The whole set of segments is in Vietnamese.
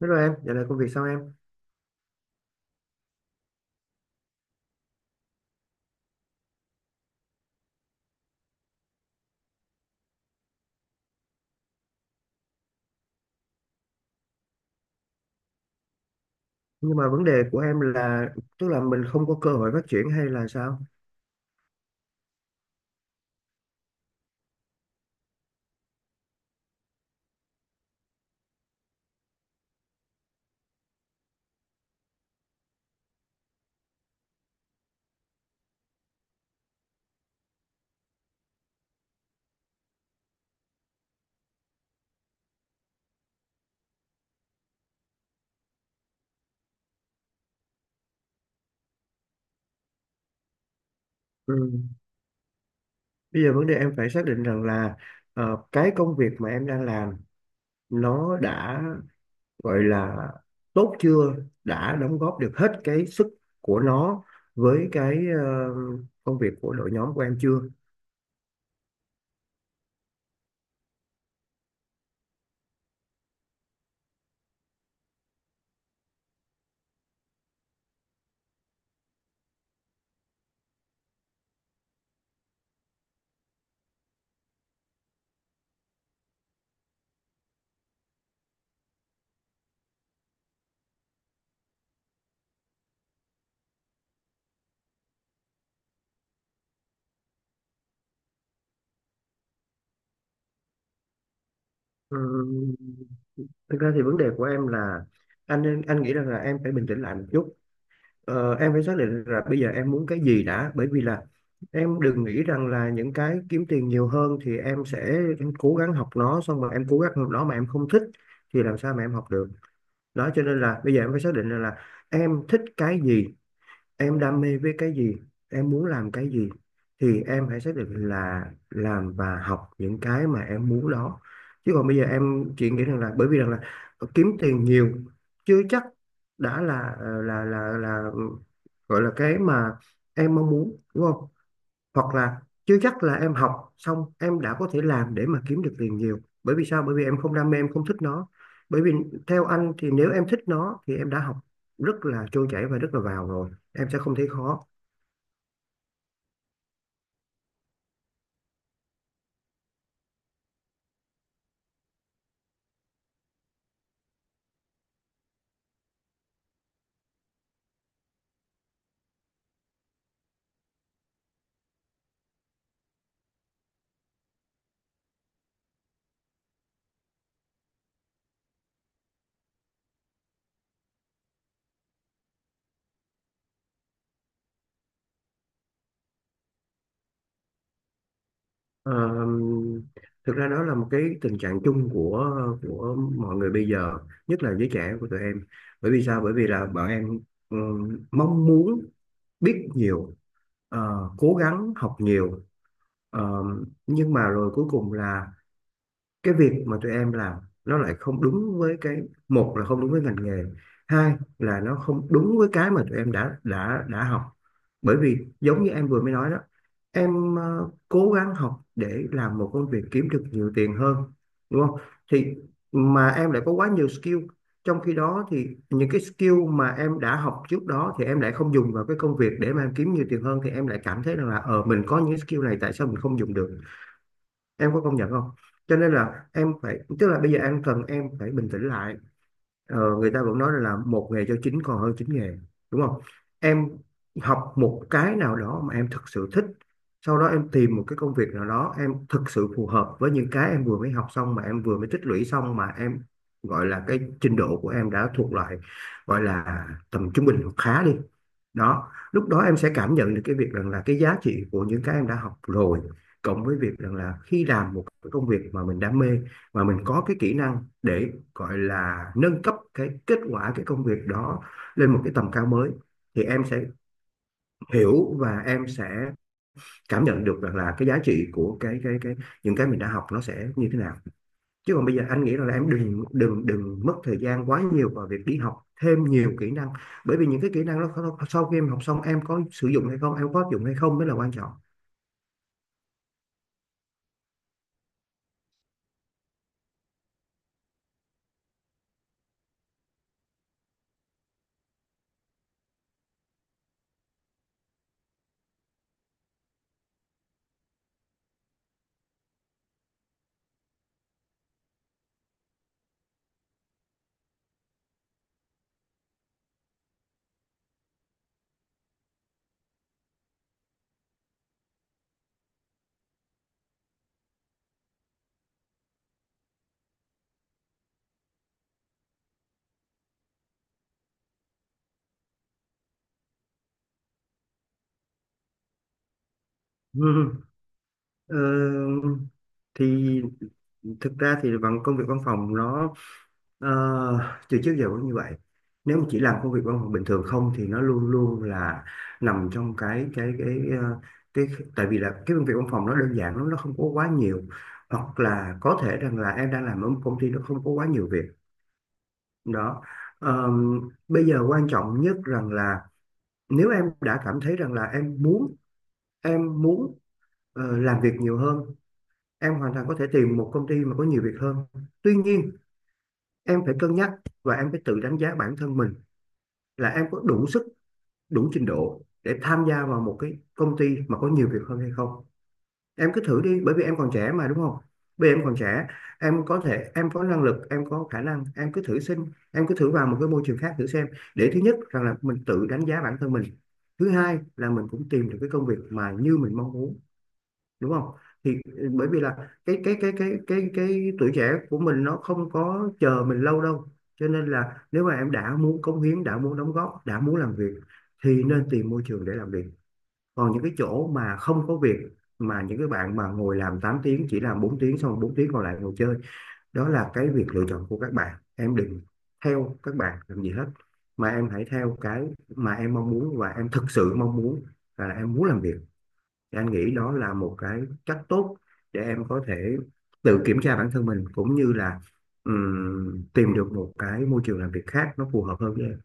Hello em, dạo này công việc sao em? Nhưng mà vấn đề của em là tức là mình không có cơ hội phát triển hay là sao? Ừ. Bây giờ vấn đề em phải xác định rằng là cái công việc mà em đang làm nó đã gọi là tốt chưa, đã đóng góp được hết cái sức của nó với cái công việc của đội nhóm của em chưa? Ừ. Thực ra thì vấn đề của em là anh nghĩ rằng là em phải bình tĩnh lại một chút. Ờ, em phải xác định là bây giờ em muốn cái gì đã, bởi vì là em đừng nghĩ rằng là những cái kiếm tiền nhiều hơn thì em sẽ em cố gắng học nó, xong rồi em cố gắng học nó mà em không thích thì làm sao mà em học được. Đó cho nên là bây giờ em phải xác định rằng là em thích cái gì, em đam mê với cái gì, em muốn làm cái gì, thì em hãy xác định là làm và học những cái mà em muốn đó. Chứ còn bây giờ em chỉ nghĩ rằng là bởi vì rằng là kiếm tiền nhiều chưa chắc đã là gọi là cái mà em mong muốn, đúng không? Hoặc là chưa chắc là em học xong em đã có thể làm để mà kiếm được tiền nhiều, bởi vì sao, bởi vì em không đam mê, em không thích nó. Bởi vì theo anh thì nếu em thích nó thì em đã học rất là trôi chảy và rất là vào rồi, em sẽ không thấy khó. Ờ, thực ra đó là một cái tình trạng chung của mọi người bây giờ, nhất là giới trẻ của tụi em. Bởi vì sao, bởi vì là bọn em mong muốn biết nhiều, cố gắng học nhiều. Ờ, nhưng mà rồi cuối cùng là cái việc mà tụi em làm nó lại không đúng với cái, một là không đúng với ngành nghề, hai là nó không đúng với cái mà tụi em đã học. Bởi vì giống như em vừa mới nói đó, em cố gắng học để làm một công việc kiếm được nhiều tiền hơn, đúng không? Thì mà em lại có quá nhiều skill, trong khi đó thì những cái skill mà em đã học trước đó thì em lại không dùng vào cái công việc để mà em kiếm nhiều tiền hơn, thì em lại cảm thấy rằng là ờ mình có những skill này tại sao mình không dùng được, em có công nhận không? Cho nên là em phải, tức là bây giờ em cần em phải bình tĩnh lại. Ờ, người ta vẫn nói là một nghề cho chín còn hơn chín nghề, đúng không? Em học một cái nào đó mà em thực sự thích, sau đó em tìm một cái công việc nào đó em thực sự phù hợp với những cái em vừa mới học xong mà em vừa mới tích lũy xong, mà em gọi là cái trình độ của em đã thuộc loại gọi là tầm trung bình hoặc khá đi. Đó, lúc đó em sẽ cảm nhận được cái việc rằng là cái giá trị của những cái em đã học rồi, cộng với việc rằng là khi làm một cái công việc mà mình đam mê, mà mình có cái kỹ năng để gọi là nâng cấp cái kết quả cái công việc đó lên một cái tầm cao mới, thì em sẽ hiểu và em sẽ cảm nhận được rằng là cái giá trị của cái những cái mình đã học nó sẽ như thế nào. Chứ còn bây giờ anh nghĩ rằng là em đừng đừng đừng mất thời gian quá nhiều vào việc đi học thêm nhiều kỹ năng, bởi vì những cái kỹ năng đó sau khi em học xong em có sử dụng hay không, em có áp dụng hay không mới là quan trọng. Ờ, thì thực ra thì bằng công việc văn phòng nó ờ, từ trước giờ cũng như vậy. Nếu mà chỉ làm công việc văn phòng bình thường không thì nó luôn luôn là nằm trong cái tại vì là cái công việc văn phòng nó đơn giản lắm, nó không có quá nhiều, hoặc là có thể rằng là em đang làm ở một công ty nó không có quá nhiều việc. Đó. Ờ, bây giờ quan trọng nhất rằng là nếu em đã cảm thấy rằng là em muốn làm việc nhiều hơn, em hoàn toàn có thể tìm một công ty mà có nhiều việc hơn. Tuy nhiên em phải cân nhắc và em phải tự đánh giá bản thân mình, là em có đủ sức, đủ trình độ để tham gia vào một cái công ty mà có nhiều việc hơn hay không. Em cứ thử đi, bởi vì em còn trẻ mà, đúng không? Bây vì em còn trẻ, em có thể, em có năng lực, em có khả năng, em cứ thử xin, em cứ thử vào một cái môi trường khác thử xem, để thứ nhất rằng là mình tự đánh giá bản thân mình, thứ hai là mình cũng tìm được cái công việc mà như mình mong muốn, đúng không? Thì ừ, bởi vì là cái tuổi trẻ của mình nó không có chờ mình lâu đâu, cho nên là nếu mà em đã muốn cống hiến, đã muốn đóng góp, đã muốn làm việc thì nên tìm môi trường để làm việc. Còn những cái chỗ mà không có việc, mà những cái bạn mà ngồi làm 8 tiếng chỉ làm 4 tiếng, xong 4 tiếng còn lại ngồi chơi, đó là cái việc lựa chọn của các bạn, em đừng theo các bạn làm gì hết, mà em hãy theo cái mà em mong muốn và em thực sự mong muốn là em muốn làm việc, thì anh nghĩ đó là một cái cách tốt để em có thể tự kiểm tra bản thân mình, cũng như là tìm được một cái môi trường làm việc khác nó phù hợp hơn với em.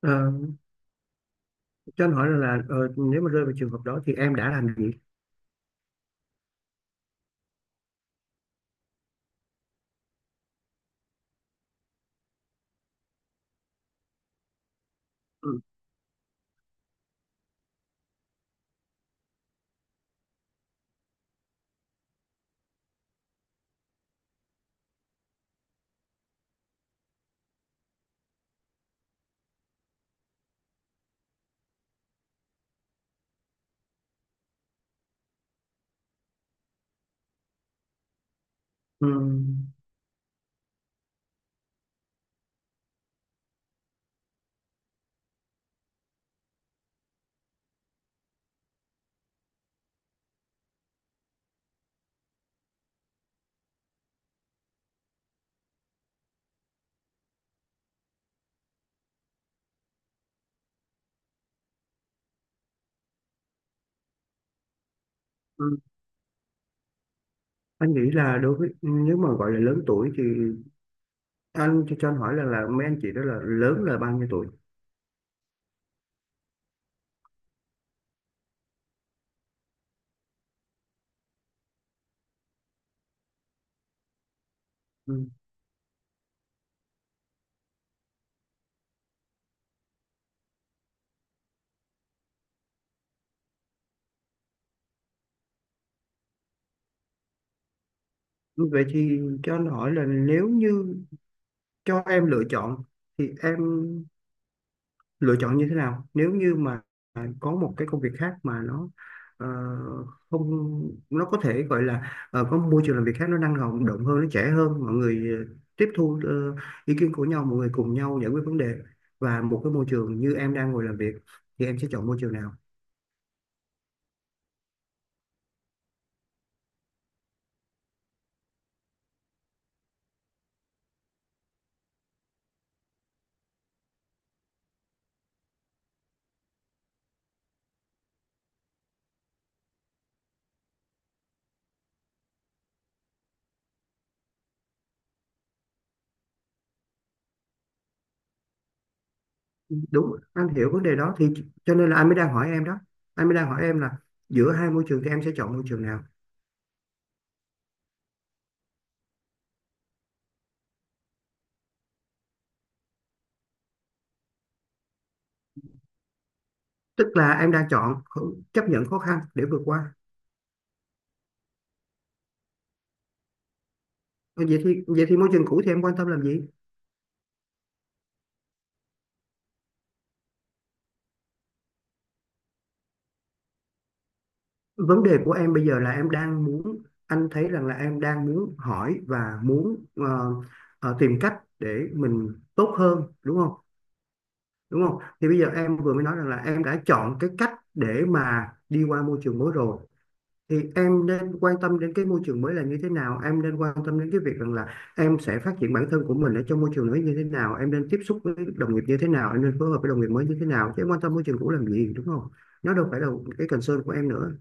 Ờ, cho anh hỏi là, là nếu mà rơi vào trường hợp đó thì em đã làm gì? Ừ, ừ, ừ. Anh nghĩ là đối với nếu mà gọi là lớn tuổi thì anh cho anh hỏi là mấy anh chị đó là lớn là bao nhiêu tuổi? Ừ. Vậy thì cho anh hỏi là nếu như cho em lựa chọn thì em lựa chọn như thế nào, nếu như mà có một cái công việc khác mà nó ờ, không, nó có thể gọi là có môi trường làm việc khác nó năng động động hơn, nó trẻ hơn, mọi người tiếp thu ý kiến của nhau, mọi người cùng nhau giải quyết vấn đề, và một cái môi trường như em đang ngồi làm việc, thì em sẽ chọn môi trường nào? Đúng, anh hiểu vấn đề đó, thì cho nên là anh mới đang hỏi em đó, anh mới đang hỏi em là giữa hai môi trường thì em sẽ chọn môi trường nào. Tức là em đang chấp nhận khó khăn để vượt qua. Vậy thì môi trường cũ thì em quan tâm làm gì? Vấn đề của em bây giờ là em đang muốn anh thấy rằng là em đang muốn hỏi và muốn tìm cách để mình tốt hơn, đúng không? Đúng không? Thì bây giờ em vừa mới nói rằng là em đã chọn cái cách để mà đi qua môi trường mới rồi, thì em nên quan tâm đến cái môi trường mới là như thế nào, em nên quan tâm đến cái việc rằng là em sẽ phát triển bản thân của mình ở trong môi trường mới như thế nào, em nên tiếp xúc với đồng nghiệp như thế nào, em nên phối hợp với đồng nghiệp mới như thế nào, chứ em quan tâm môi trường cũ làm gì, đúng không? Nó đâu phải là cái concern của em nữa.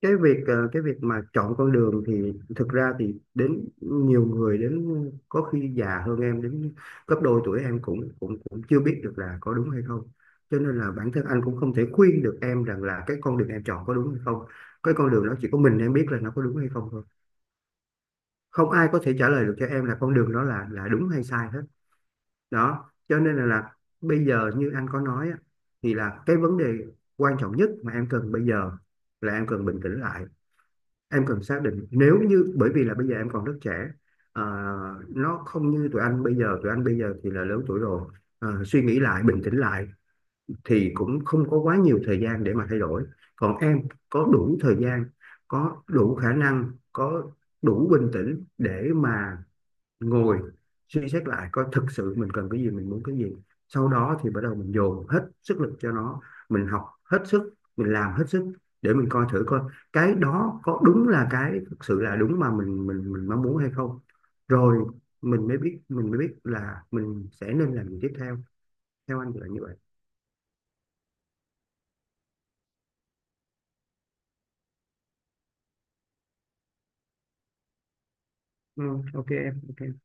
Cái việc cái việc mà chọn con đường thì thực ra thì đến nhiều người, đến có khi già hơn em đến gấp đôi tuổi em cũng cũng cũng chưa biết được là có đúng hay không, cho nên là bản thân anh cũng không thể khuyên được em rằng là cái con đường em chọn có đúng hay không. Cái con đường đó chỉ có mình em biết là nó có đúng hay không thôi, không ai có thể trả lời được cho em là con đường đó là đúng hay sai hết. Đó cho nên là bây giờ như anh có nói á, thì là cái vấn đề quan trọng nhất mà em cần bây giờ là em cần bình tĩnh lại, em cần xác định nếu như, bởi vì là bây giờ em còn rất trẻ. Ờ, nó không như tụi anh bây giờ, tụi anh bây giờ thì là lớn tuổi rồi. Ờ, suy nghĩ lại, bình tĩnh lại thì cũng không có quá nhiều thời gian để mà thay đổi. Còn em có đủ thời gian, có đủ khả năng, có đủ bình tĩnh để mà ngồi suy xét lại coi thực sự mình cần cái gì, mình muốn cái gì, sau đó thì bắt đầu mình dồn hết sức lực cho nó, mình học hết sức, mình làm hết sức, để mình coi thử coi cái đó có đúng là cái thực sự là đúng mà mình mong muốn hay không. Rồi mình mới biết là mình sẽ nên làm gì tiếp theo. Theo anh thì là như vậy. Ừ, ok em, ok.